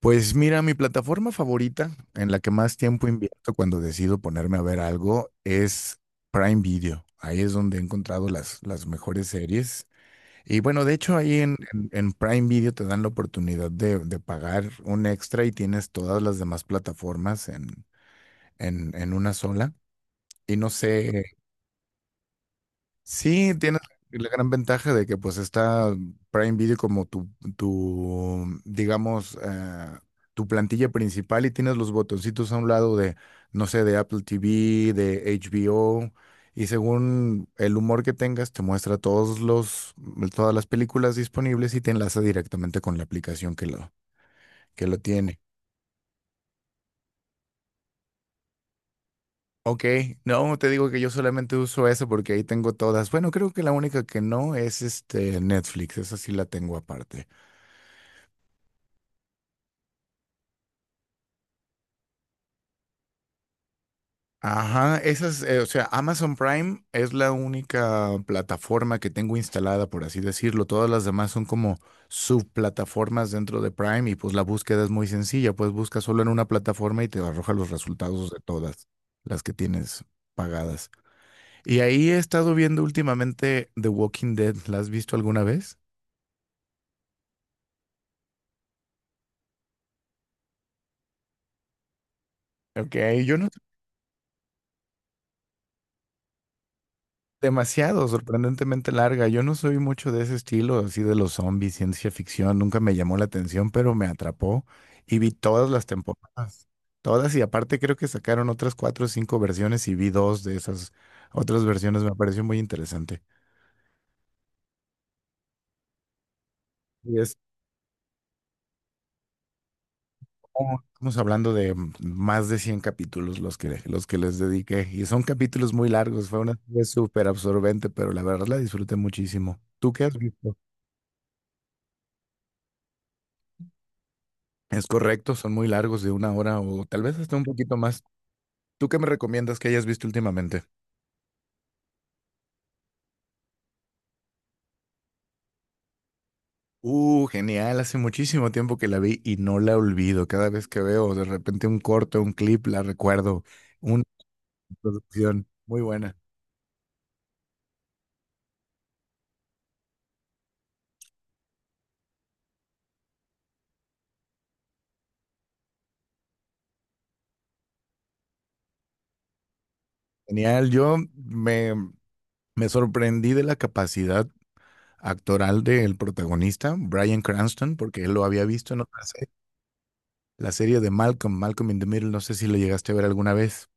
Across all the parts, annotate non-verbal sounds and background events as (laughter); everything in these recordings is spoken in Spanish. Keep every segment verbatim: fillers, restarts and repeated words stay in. Pues mira, mi plataforma favorita en la que más tiempo invierto cuando decido ponerme a ver algo es Prime Video. Ahí es donde he encontrado las, las mejores series. Y bueno, de hecho ahí en, en- en Prime Video te dan la oportunidad de, de pagar un extra y tienes todas las demás plataformas en, en, en una sola. Y no sé, sí, tienes la gran ventaja de que pues está Prime Video como tu, tu digamos, eh, tu plantilla principal y tienes los botoncitos a un lado de, no sé, de Apple T V, de H B O, y según el humor que tengas, te muestra todos los, todas las películas disponibles y te enlaza directamente con la aplicación que lo, que lo tiene. Ok, no, te digo que yo solamente uso eso porque ahí tengo todas. Bueno, creo que la única que no es este Netflix, esa sí la tengo aparte. Ajá, esas, eh, o sea, Amazon Prime es la única plataforma que tengo instalada, por así decirlo. Todas las demás son como subplataformas dentro de Prime y pues la búsqueda es muy sencilla, pues busca solo en una plataforma y te arroja los resultados de todas las que tienes pagadas. Y ahí he estado viendo últimamente The Walking Dead. ¿La has visto alguna vez? Ok, yo no. Demasiado, sorprendentemente larga. Yo no soy mucho de ese estilo, así de los zombies, ciencia ficción, nunca me llamó la atención, pero me atrapó y vi todas las temporadas, todas, y aparte creo que sacaron otras cuatro o cinco versiones y vi dos de esas otras versiones, me pareció muy interesante. Y es, como- estamos hablando de mm, más de cien capítulos los que, los que les dediqué, y son capítulos muy largos, fue una serie súper absorbente, pero la verdad la disfruté muchísimo. ¿Tú qué has visto? Es correcto, son muy largos, de una hora o tal vez hasta un poquito más. ¿Tú qué me recomiendas que hayas visto últimamente? Uh, genial, hace muchísimo tiempo que la vi y no la olvido. Cada vez que veo de repente un corto, un clip, la recuerdo. Una producción muy buena. Genial, yo me, me sorprendí de la capacidad actoral del protagonista, Bryan Cranston, porque él lo había visto en otra serie, la serie de Malcolm, Malcolm in the Middle, no sé si lo llegaste a ver alguna vez.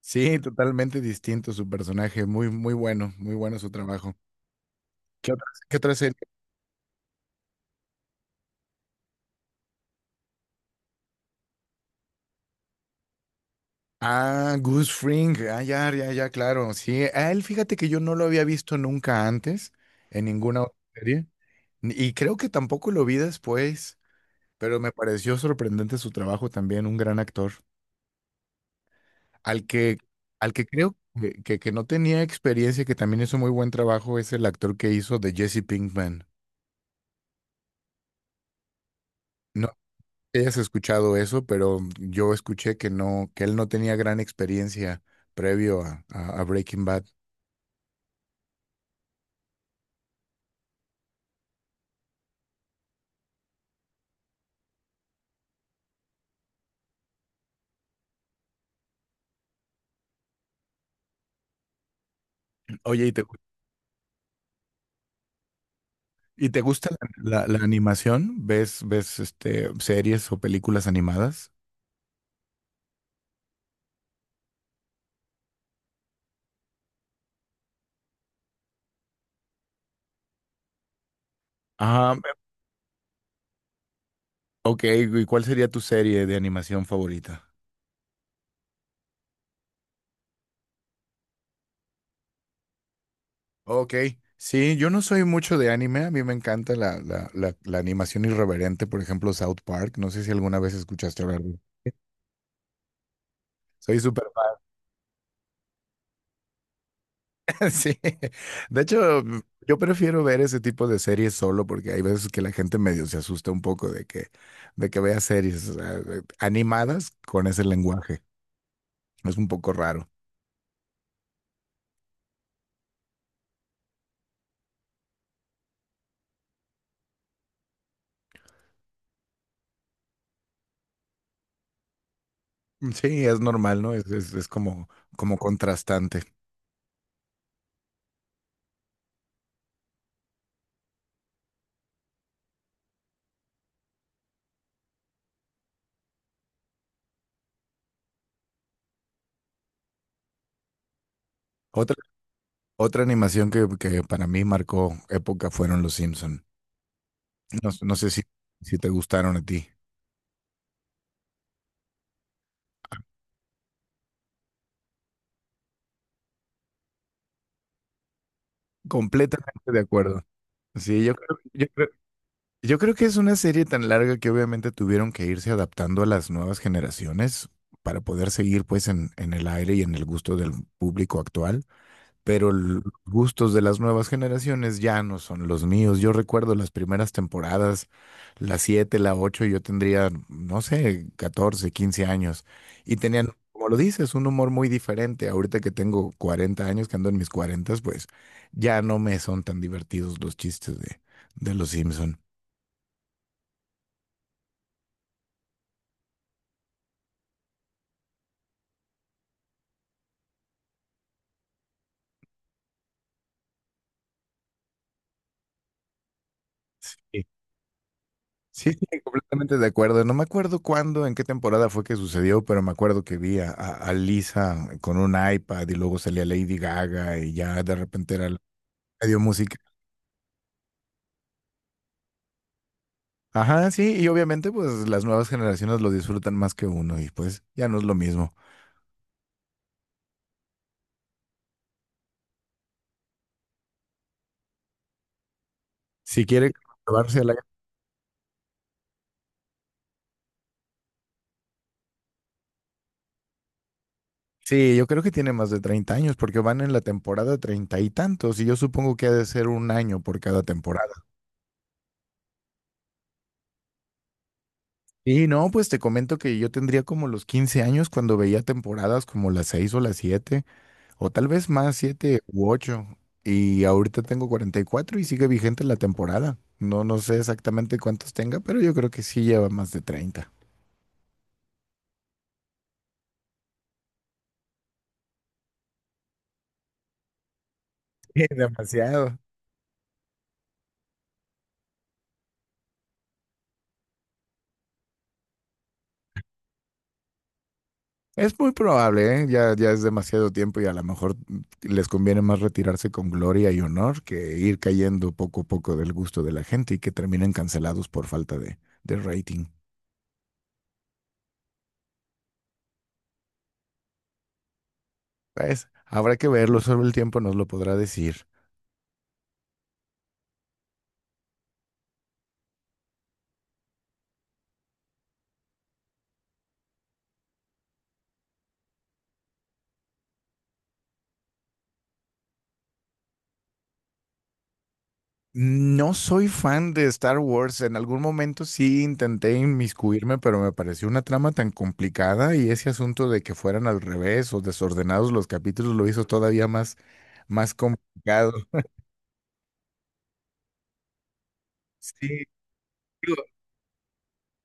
Sí, totalmente distinto su personaje. Muy, muy bueno, muy bueno su trabajo. ¿Qué otra, qué otra serie? Ah, Goose Fring. Ah, ya, ya, ya, claro. Sí, a él fíjate que yo no lo había visto nunca antes en ninguna otra serie. ni- Y creo que tampoco lo vi después, pero me pareció sorprendente su trabajo también, un gran actor. Al que, al que creo que, que, que no tenía experiencia, que también hizo muy buen trabajo, es el actor que hizo de Jesse Pinkman. No hayas escuchado eso, pero yo escuché que no, que él no tenía gran experiencia previo a, a- a Breaking Bad. Oye, ¿y te, gu- ¿y te gusta la, la- la animación? ¿Ves, ves este, series o películas animadas? Ah, ok. ¿Y cuál sería tu serie de animación favorita? Ok, sí, yo no soy mucho de anime, a mí me encanta la, la, la, la animación irreverente, por ejemplo, South Park, no sé si alguna vez escuchaste hablar de... Soy súper. (laughs) Sí, de hecho, mm, yo prefiero ver ese tipo de series solo porque hay veces que la gente medio se asusta un poco de que, de que vea series, o sea, de- animadas con ese lenguaje. Es un poco raro. Mm, sí, es normal, ¿no? Es, es, es como, como contrastante. Otra, otra animación que, que para mí marcó época fueron Los Simpson. No, no sé si, si te gustaron a ti. Completamente de acuerdo. Sí, yo creo, yo creo yo creo que es una serie tan larga que obviamente tuvieron que irse adaptando a las nuevas generaciones para poder seguir pues en, en el aire y en el gusto del público actual, pero el- los gustos de las nuevas generaciones ya no son los míos. Yo recuerdo las primeras temporadas, la siete, la ocho. Yo tendría, no sé, catorce, quince años, y tenían, como lo dices, un humor muy diferente. Ahorita que tengo cuarenta años, que ando en mis cuarenta, pues ya no me son tan divertidos los chistes de, de los Simpson. Sí, sí, completamente de acuerdo. No me acuerdo cuándo, en qué temporada fue que sucedió, pero me acuerdo que vi a, a- a Lisa con un iPad y luego salía Lady Gaga y ya de repente era la- medio música. Ajá, sí, y obviamente pues las nuevas generaciones lo disfrutan más que uno y pues ya no es lo mismo. Si quiere llevarse a la... Sí, yo creo que tiene más de treinta años porque van en la temporada treinta y tantos y yo supongo que ha de ser un año por cada temporada. Y no, pues te comento que yo tendría como los quince años cuando veía temporadas como las seis o las siete. O tal vez más, siete u ocho. Y ahorita tengo cuarenta y cuatro y sigue vigente la temporada. No, no sé exactamente cuántos tenga, pero yo creo que sí lleva más de treinta. (laughs) Demasiado. Es muy probable, ¿eh? Ya, ya es demasiado tiempo, y a lo mejor mm, les conviene más retirarse con gloria y honor que ir cayendo poco a poco del gusto de la gente y que terminen cancelados por falta de, de rating. Pues habrá que verlo, solo el tiempo nos lo podrá decir. No soy fan de Star Wars. En algún momento sí intenté inmiscuirme, pero me pareció una trama tan complicada y ese asunto de que fueran al revés o desordenados los capítulos lo hizo todavía más, más complicado. Sí, digo,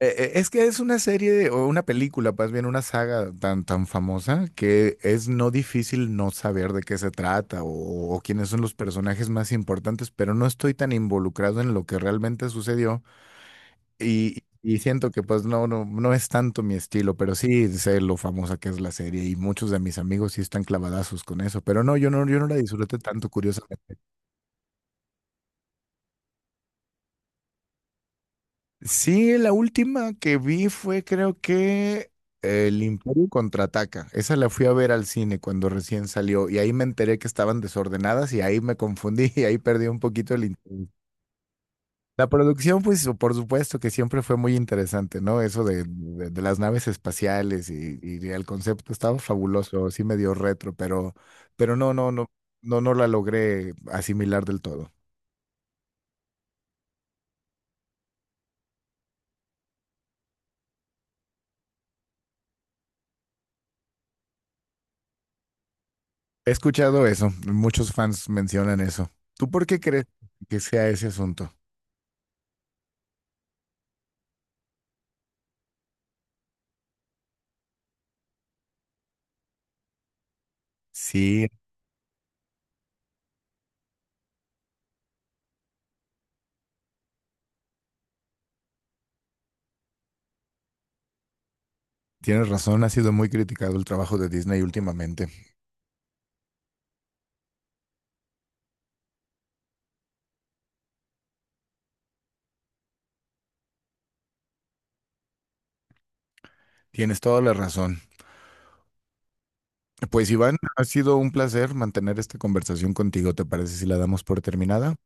eh, eh, es que es una serie de- o una película, más bien una saga tan, tan famosa que es no difícil no saber de qué se trata o o quiénes son los personajes más importantes, pero no estoy tan involucrado en lo que realmente sucedió. Y, y siento que pues no, no, no es tanto mi estilo, pero sí sé lo famosa que es la serie y muchos de mis amigos sí están clavadazos con eso, pero no, yo no, yo no la disfruté tanto, curiosamente. Sí, la última que vi fue, creo que El Imperio Contraataca. Esa la fui a ver al cine cuando recién salió y ahí me enteré que estaban desordenadas y ahí me confundí (laughs) y ahí perdí un poquito el interés. La producción, pues, por supuesto que siempre fue muy interesante, ¿no? Eso de, de- de las naves espaciales y, y el concepto estaba fabuloso, sí medio retro, pero, pero no, no, no, no, no la logré asimilar del todo. He escuchado eso, muchos fans mencionan eso. ¿Tú por qué crees que sea ese asunto? Sí, tienes razón, ha sido muy criticado el trabajo de Disney últimamente. Tienes toda la razón. Pues Iván, ha sido un placer mantener esta conversación contigo. ¿Te parece si la damos por terminada?